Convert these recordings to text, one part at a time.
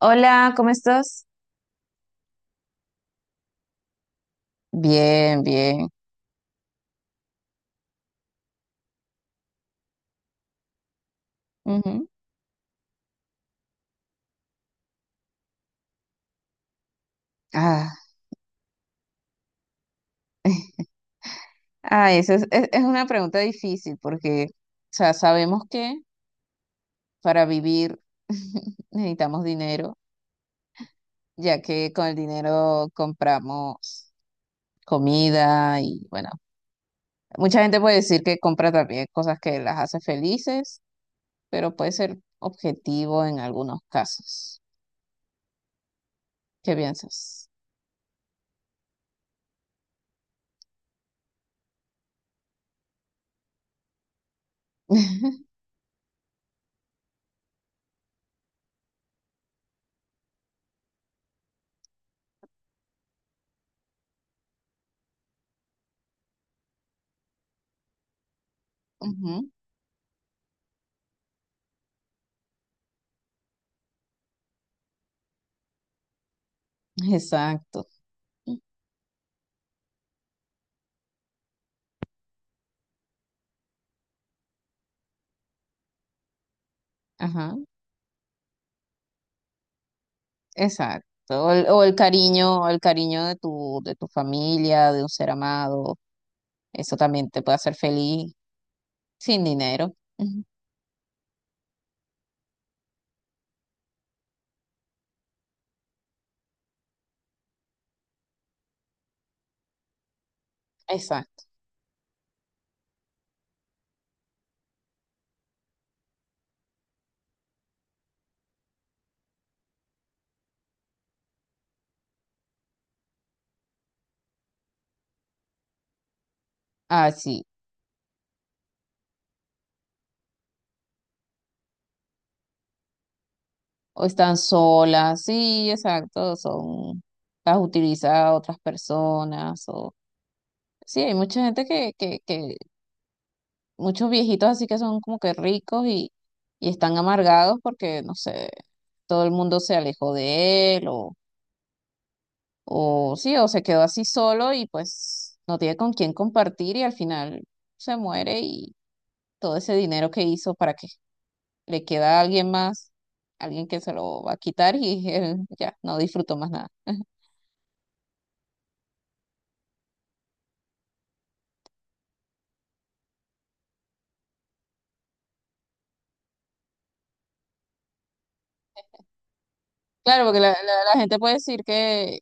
Hola, ¿cómo estás? Bien, bien. Ujú. Ah, ah, esa es, es una pregunta difícil porque, o sea, sabemos que para vivir necesitamos dinero, ya que con el dinero compramos comida y, bueno, mucha gente puede decir que compra también cosas que las hace felices, pero puede ser objetivo en algunos casos. ¿Qué piensas? Ujú. Exacto. Ajá. Exacto. O el cariño, o el cariño de tu familia, de un ser amado. Eso también te puede hacer feliz sin dinero. Ujú. Exacto. Ah, sí. O están solas. Sí, exacto. Son, las utiliza otras personas. O, sí, hay mucha gente que muchos viejitos así que son como que ricos y están amargados porque, no sé, todo el mundo se alejó de él. O sí, o se quedó así solo y pues no tiene con quién compartir, y al final se muere, y todo ese dinero que hizo para qué, le queda a alguien más, alguien que se lo va a quitar, y él ya no disfrutó más nada. Claro, porque la gente puede decir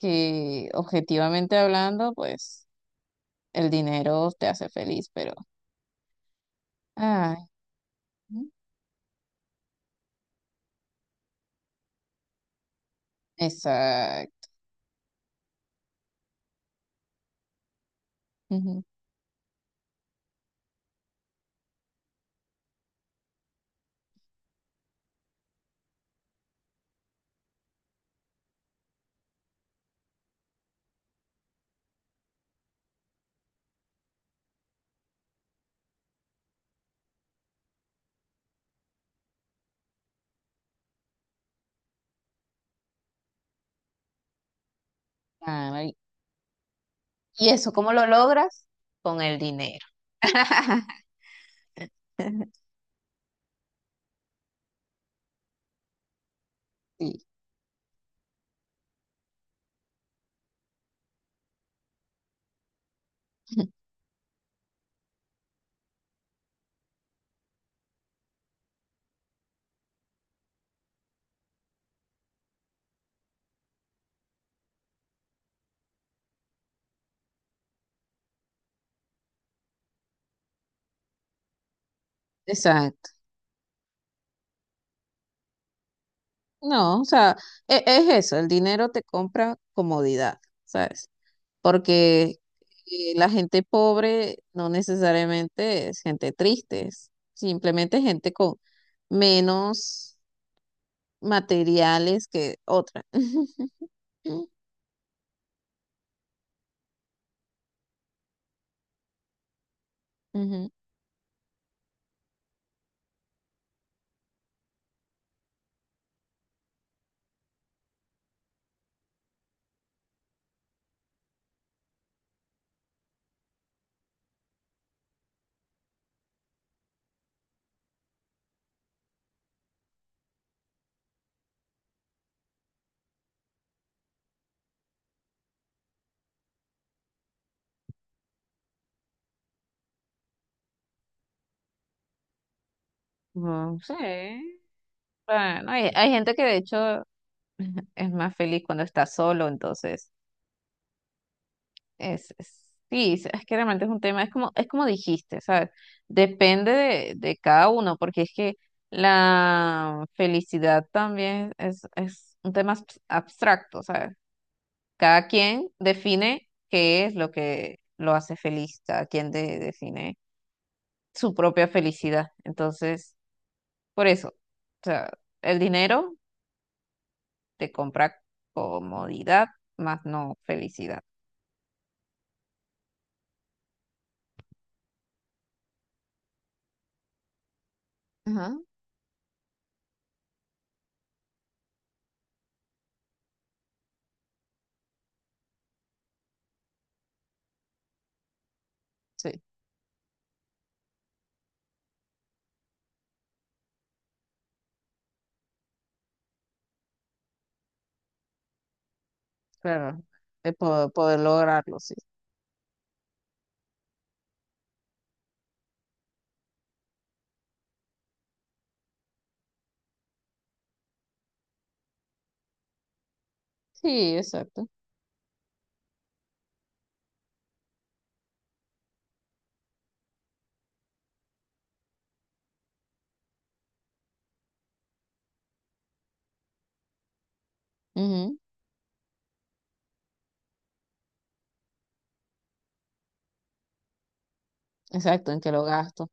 que objetivamente hablando, pues el dinero te hace feliz, pero... Ay, exacto. Ujú, ay. ¿Y eso cómo lo logras? Con el dinero. Sí. No, o sea, es, eso, el dinero te compra comodidad, ¿sabes? Porque la gente pobre no necesariamente es gente triste, es simplemente gente con menos materiales que otra. Ujú. Mm, sí. Bueno, hay gente que de hecho es más feliz cuando está solo, entonces. Es, sí, es que realmente es un tema, es como dijiste, ¿sabes? Depende de cada uno, porque es que la felicidad también es un tema abstracto, ¿sabes? Cada quien define qué es lo que lo hace feliz, cada quien define su propia felicidad. Entonces, por eso, o sea, el dinero te compra comodidad, más no felicidad. Ajá, sí, claro, de poder lograrlo, sí. Sí, exacto. Ujú. Exacto, en que lo gasto.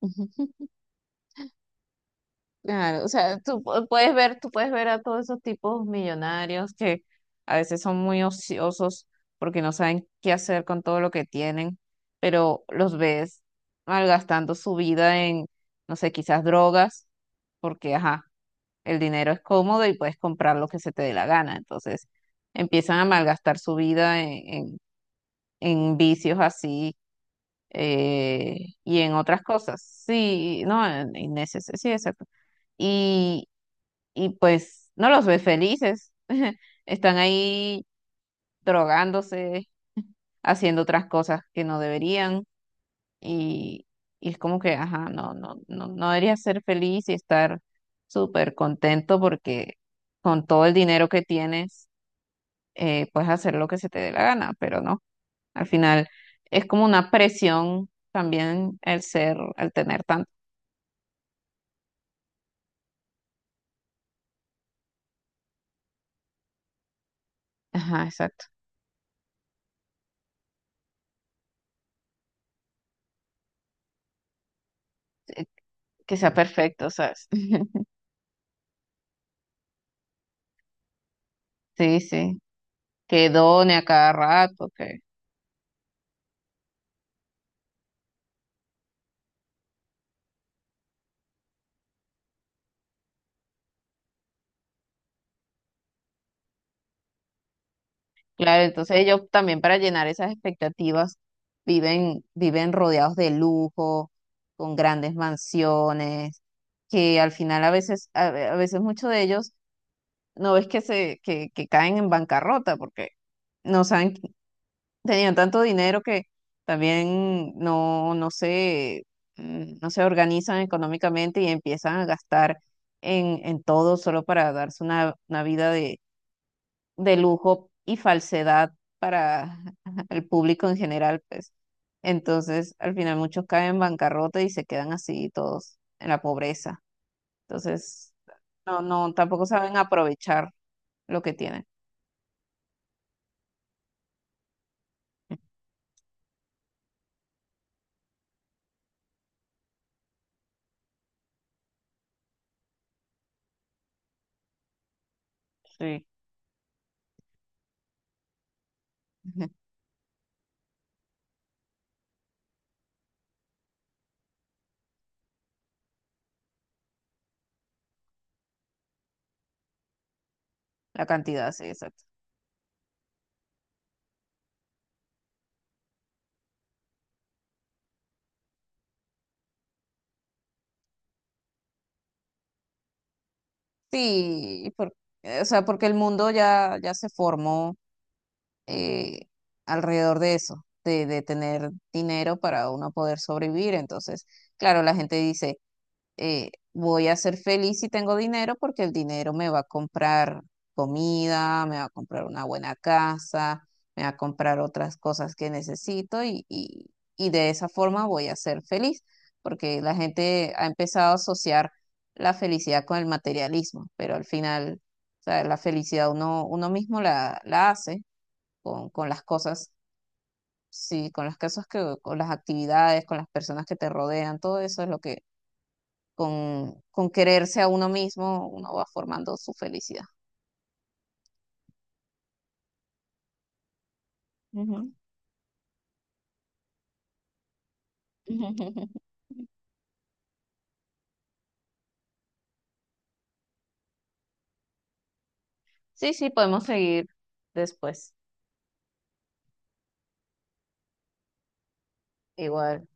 Ujú. Claro, o sea, tú puedes ver, tú puedes ver a todos esos tipos millonarios que a veces son muy ociosos porque no saben qué hacer con todo lo que tienen, pero los ves malgastando su vida en, no sé, quizás drogas, porque, ajá, el dinero es cómodo y puedes comprar lo que se te dé la gana. Entonces empiezan a malgastar su vida en vicios así, eh, y en otras cosas. Sí, no, en, sí, exacto. Y, y pues no los ves felices. Están ahí drogándose, haciendo otras cosas que no deberían. Y, y es como que, ajá, no, debería ser feliz y estar súper contento porque con todo el dinero que tienes, puedes hacer lo que se te dé la gana, pero no, al final es como una presión también el ser, el tener tanto. Ajá, exacto. Eh, que sea perfecto, ¿sabes? Sí, sí. Que done a cada rato. Claro, entonces ellos también para llenar esas expectativas viven rodeados de lujo, con grandes mansiones, que al final a veces, a veces muchos de ellos no ves que se, que caen en bancarrota porque no saben, tenían tanto dinero que también no, no se, no se organizan económicamente, y empiezan a gastar en todo solo para darse una vida de lujo y falsedad para el público en general, pues. Entonces, al final muchos caen en bancarrota y se quedan así todos en la pobreza. Entonces, no, no, tampoco saben aprovechar lo que tienen. Sí. La cantidad, sí, exacto. Sí, o sea, porque el mundo ya, ya se formó, eh, alrededor de eso, de tener dinero para uno poder sobrevivir. Entonces, claro, la gente dice, voy a ser feliz si tengo dinero porque el dinero me va a comprar comida, me va a comprar una buena casa, me va a comprar otras cosas que necesito, y de esa forma voy a ser feliz porque la gente ha empezado a asociar la felicidad con el materialismo, pero al final, o sea, la felicidad uno, uno mismo la, la hace con las cosas. Sí, con las cosas que, con las actividades, con las personas que te rodean, todo eso es lo que con quererse a uno mismo, uno va formando su felicidad. Ujú. Sí, sí, podemos seguir después. Igual.